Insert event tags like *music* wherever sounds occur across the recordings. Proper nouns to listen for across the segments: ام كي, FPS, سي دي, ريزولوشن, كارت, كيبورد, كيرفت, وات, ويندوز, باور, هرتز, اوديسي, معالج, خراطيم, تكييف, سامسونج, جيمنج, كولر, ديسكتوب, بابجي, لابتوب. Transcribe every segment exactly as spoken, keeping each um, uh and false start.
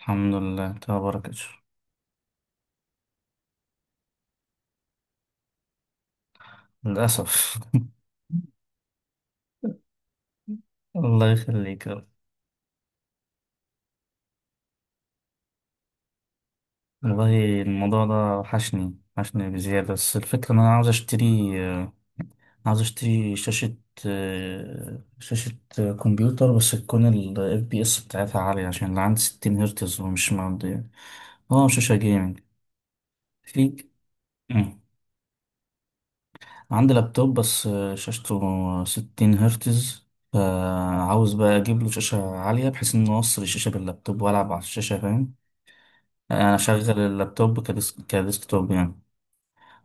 الحمد لله تبارك الشر. للأسف. *laughs* الله يخليك يا رب. والله الموضوع ده وحشني وحشني بزيادة، بس الفكرة إن أنا عاوز أشتري، آه، عاوز أشتري شاشة آه، شاشة آه، كمبيوتر، بس تكون ال F P S بتاعتها عالية، عشان اللي عندي 60 هرتز ومش معدية. اه، شاشة جيمنج. في، مم. عندي لابتوب بس آه، شاشته 60 هرتز. فعاوز بقى أجيب له شاشة عالية، بحيث إن أوصل الشاشة باللابتوب وألعب على الشاشة، فاهم يعني، انا اشغل اللابتوب كديسك كديسكتوب يعني.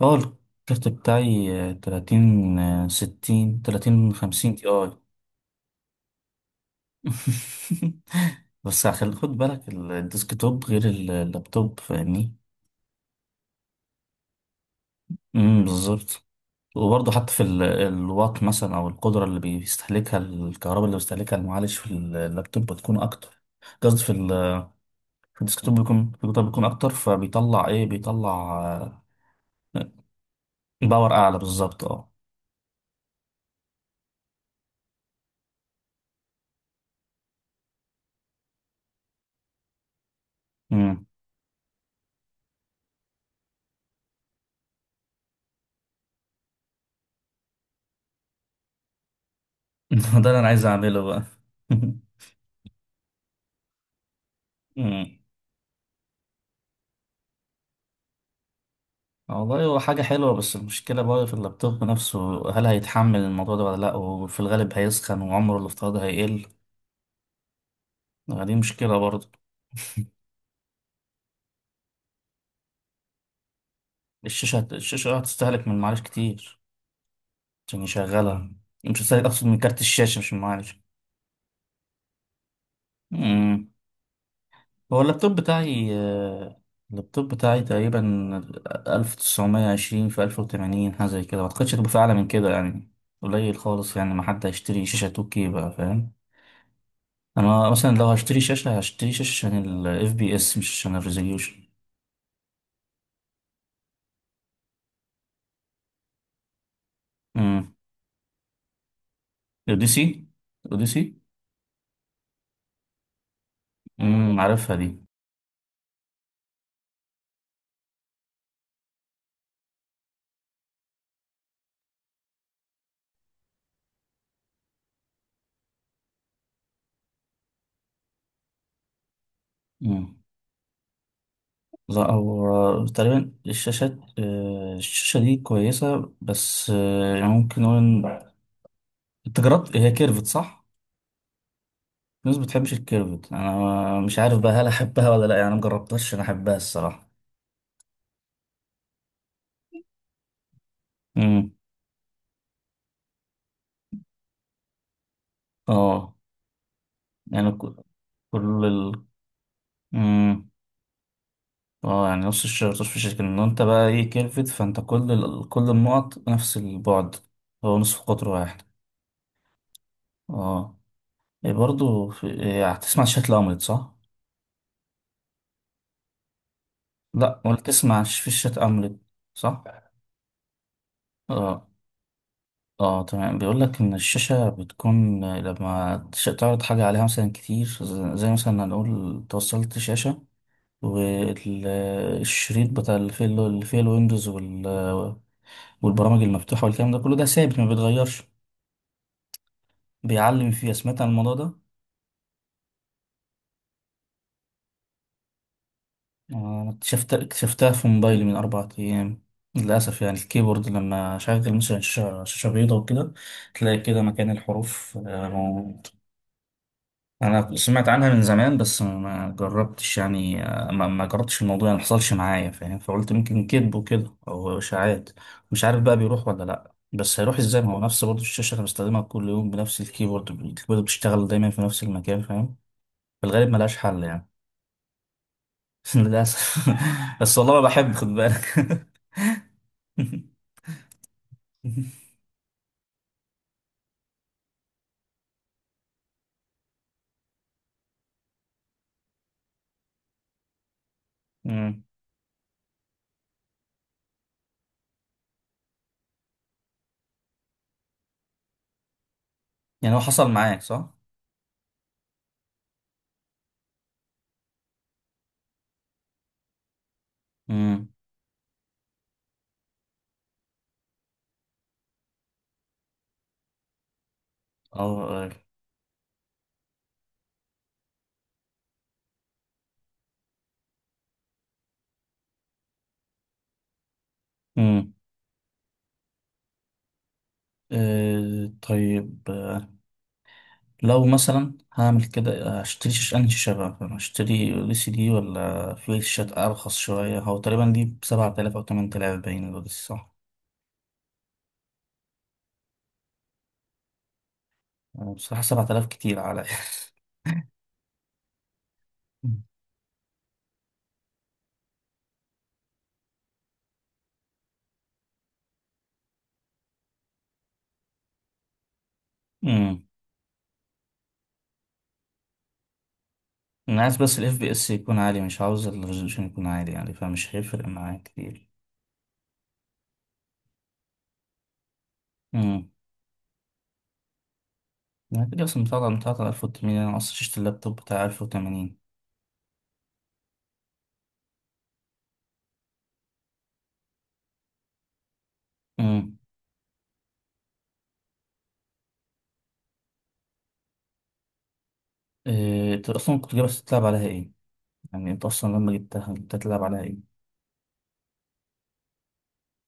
اه، الكارت بتاعي، آه، تلاتين آه، ستين تلاتين خمسين تي اي. *laughs* بس هخلي خد بالك، ال- الديسكتوب غير ال- اللابتوب، فاهمني. امم بالظبط. وبرضه حتى في ال- الوات مثلا او القدره اللي بيستهلكها، الكهرباء اللي بيستهلكها المعالج في اللابتوب بتكون اكتر. قصدي في ال- في الديسكتوب، بيكون في الكمبيوتر بيكون اكتر، فبيطلع ايه بيطلع، آه، باور اعلى بالظبط، اه. *laughs* ده اللي انا عايز اعمله بقى. *laughs* أمم. والله هو حاجة حلوة، بس المشكلة بقى في اللابتوب نفسه، هل هيتحمل الموضوع ده ولا لأ، وفي الغالب هيسخن وعمره الافتراضي هيقل. دي مشكلة برضه. الشاشة هت- الشاشة هتستهلك من معالج كتير عشان يشغلها. مش هتستهلك، أقصد، من كارت الشاشة، مش من معالج. أمم. هو اللابتوب بتاعي، آه، اللابتوب بتاعي تقريبا ألف تسعمية عشرين في ألف وتمانين، حاجة زي كده، متقدرش تبقى أعلى من كده يعني. قليل خالص يعني، ما حد هيشتري شاشة تو كيه بقى، فاهم. انا مثلا لو هشتري شاشه، هشتري شاشه عشان الاف بي اس، مش عشان الريزوليوشن. امم. اوديسي، اوديسي. امم، عارفها دي. امم. لا، هو تقريبا الشاشات، آه، الشاشه دي كويسه، بس آه، يعني ممكن نقول، إن- انت جربت هي، كيرفت صح. الناس ما بتحبش الكيرفت، انا مش عارف بقى هل احبها ولا لا، يعني انا مجربتهاش، انا احبها الصراحه. امم، اه، يعني كل كل ال... مم. اه، يعني نص الشهر طش في الشركة ان انت بقى ايه كيرفت، فانت كل ال- كل النقط نفس البعد، هو نصف قطر واحد. اه. إيه برضو في... إيه هتسمع شات الأملت صح؟ لا، ولا تسمع في شات أملت صح؟ اه، اه، تمام. بيقول لك ان الشاشة بتكون لما تش- تعرض حاجة عليها مثلا كتير، ز- زي مثلا هنقول توصلت شاشة، والشريط بتاع اللي فيه اللي فيه الويندوز وال... والبرامج المفتوحة والكلام ده كله، ده ثابت ما بيتغيرش. بيعلم فيها، سمعت عن الموضوع ده. آه، انا اكتشفت اكتشفتها في موبايلي من اربع ايام. للاسف يعني، الكيبورد لما اشغل مثلا شاشه شاشة بيضاء وكده، تلاقي كده مكان الحروف آه، مو- انا سمعت عنها من زمان، بس ما جربتش يعني، آه، ما ما جربتش الموضوع، يعني ما حصلش معايا فاهم، فقلت يمكن كذب وكده او اشاعات. مش عارف بقى بيروح ولا لا، بس هيروح ازاي ما هو نفس برضه الشاشه اللي بستخدمها كل يوم بنفس الكيبورد الكيبورد بيشتغل دايما في نفس المكان، فاهم. في الغالب ملهاش حل يعني. *laughs* للأسف. بس والله ما بحب، خد بالك. *laughs* مم. يعني هو حصل معاك صح؟ امم. أو. امم. أه، طيب، آه، لو مثلا هعمل كده، هشتري شاش أنهي شاشة بقى؟ هشتري ال سي دي، ولا في شاشات أرخص شوية؟ هو تقريبا دي بسبعة آلاف أو تمن آلاف باين، دول صح؟ آه، بصراحة سبعة آلاف كتير على، امم. *laughs* أنا عايز بس ال F P S يكون عالي، مش عاوز الريزولوشن يكون عالي يعني، فمش هيفرق معايا كتير. أنا كده أصلا بتاعت بتاعت ألف وتمنمية، أنا أصلا شفت اللابتوب بتاع ألف وتمانين. أمم. إيه، أنت أصلا كنت جايبها تلعب عليها إيه؟ يعني أنت أصلا لما جبتها جبتها تلعب عليها إيه؟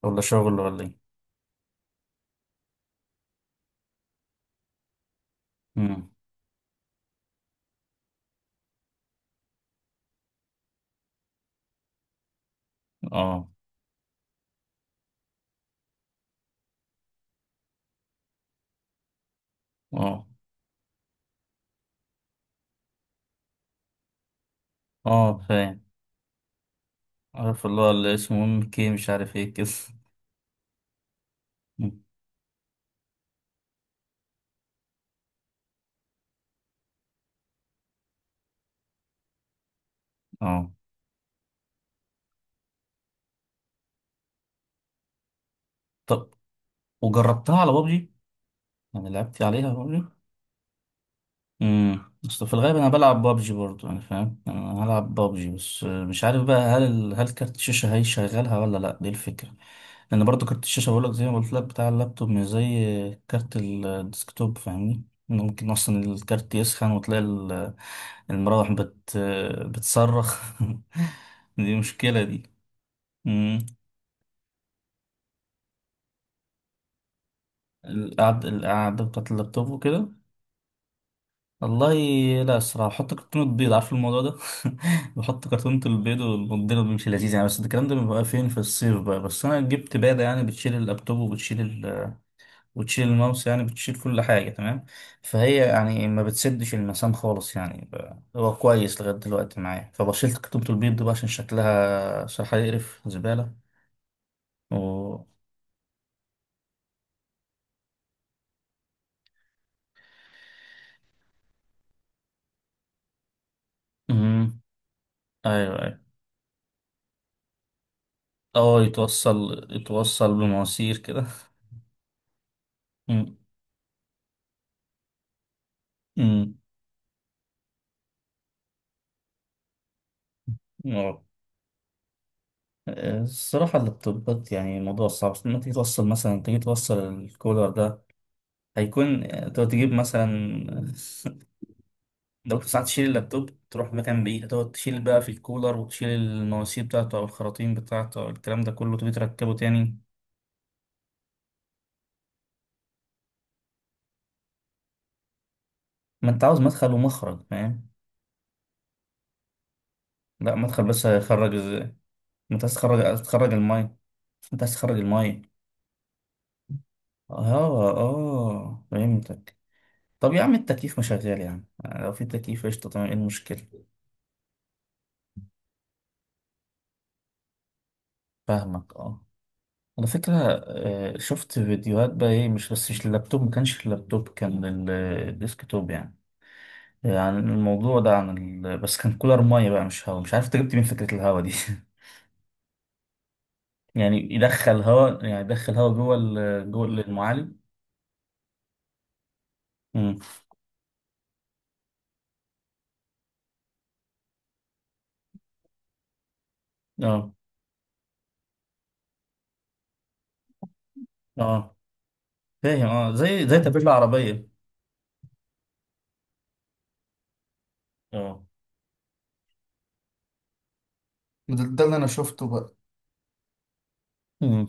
ولا شغل ولا إيه؟ أمم. آه، آه، آه. فاهم. عارف اللي هو اللي اسمه ام كي، مش عارف إيه كده. *laughs* أمم. آه، طب، وجربتها على بابجي؟ يعني لعبت عليها. امم، اصل في الغالب انا بلعب بابجي برضو، يعني فاهم، يعني انا هلعب بابجي، بس مش عارف بقى هل ال- هل كارت الشاشه هيشغلها ولا لا، دي الفكره. لان برضو كارت الشاشه، بقول لك زي ما قلت لك، بتاع اللابتوب مش زي كارت ال- الديسكتوب، فاهمني. إنه ممكن اصلا الكارت يسخن، وتلاقي ال- المراوح بت بتصرخ. *laughs* دي مشكله دي. امم. القعده، القعده بتاعت اللابتوب وكده. والله، لا، الصراحة بحط كرتونة بيض، عارف الموضوع ده. *laughs* بحط كرتونة البيض والمضرب بيمشي لذيذ يعني، بس الكلام ده بيبقى فين في الصيف بقى، بس أنا جبت بادة، يعني بتشيل اللابتوب وبتشيل ال... وتشيل الماوس، يعني بتشيل كل حاجة تمام. فهي يعني ما بتسدش المسام خالص يعني، ب- هو كويس لغاية دلوقتي معايا، فبشيلت كرتونة البيض دي بقى، عشان شكلها صراحة يقرف زبالة. و مم. أيوه، أيوه. أه، يتوصل يتوصل بمواسير كده. *laughs* مم. مم. الصراحة اللابتوبات يعني، الموضوع صعب، بس لما تيجي توصل مثلا تيجي توصل الكولر ده، هيكون، تقعد تجيب مثلا، *laughs* لو ساعات تشيل اللابتوب تروح مكان بعيد، هتقعد تشيل بقى في الكولر، وتشيل المواسير بتاعته أو الخراطيم بتاعته أو الكلام ده كله، تيجي تركبه تاني. ما أنت عاوز مدخل ومخرج، فاهم. لا، مدخل بس هيخرج ازاي، ما أنت عايز تخرج، تخرج الماية، أنت عايز تخرج الماية. اه، اه، فهمتك. طب يا عم، التكييف مشغل يعني، لو في تكييف قشطة تمام، ايه المشكلة. فاهمك، اه. على فكرة، آه، شفت فيديوهات بقى ايه، مش بس مش اللابتوب، ما كانش اللابتوب، كان ال- الديسكتوب يعني، آه، عن الموضوع ده، عن ال... *laughs* بس كان كولر مية بقى، مش هوا، مش عارف انت جبت من فكرة الهوا دي. *laughs* يعني يدخل هوا يعني يدخل هوا جوه ال... *laughs* جوه المعالج. امم، اه، اه، فاهم، اه، زي زي تبريد العربية. اه، ده ده اللي انا شفته بقى. امم.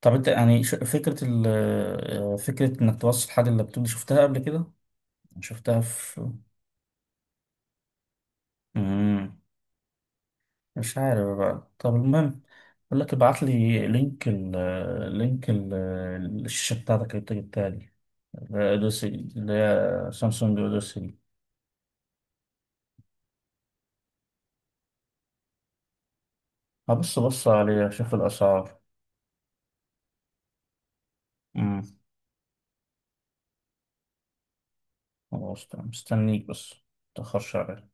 طب انت يعني، ش- فكرة ال *laughs* آه، فكرة انك توصل حاجة اللابتوب دي، شفتها قبل كده؟ شفتها في، امم. مش عارف بقى، طب المهم، بقول لك ابعت لي لينك ال لينك ال الشاشة بتاعتك، اللي انت جبتها لي، اللي هي اوديسي، اللي هي سامسونج اوديسي دي. هبص بص عليها اشوف الاسعار. امم. خلاص تمام. مستنيك، بس متأخرش عليا.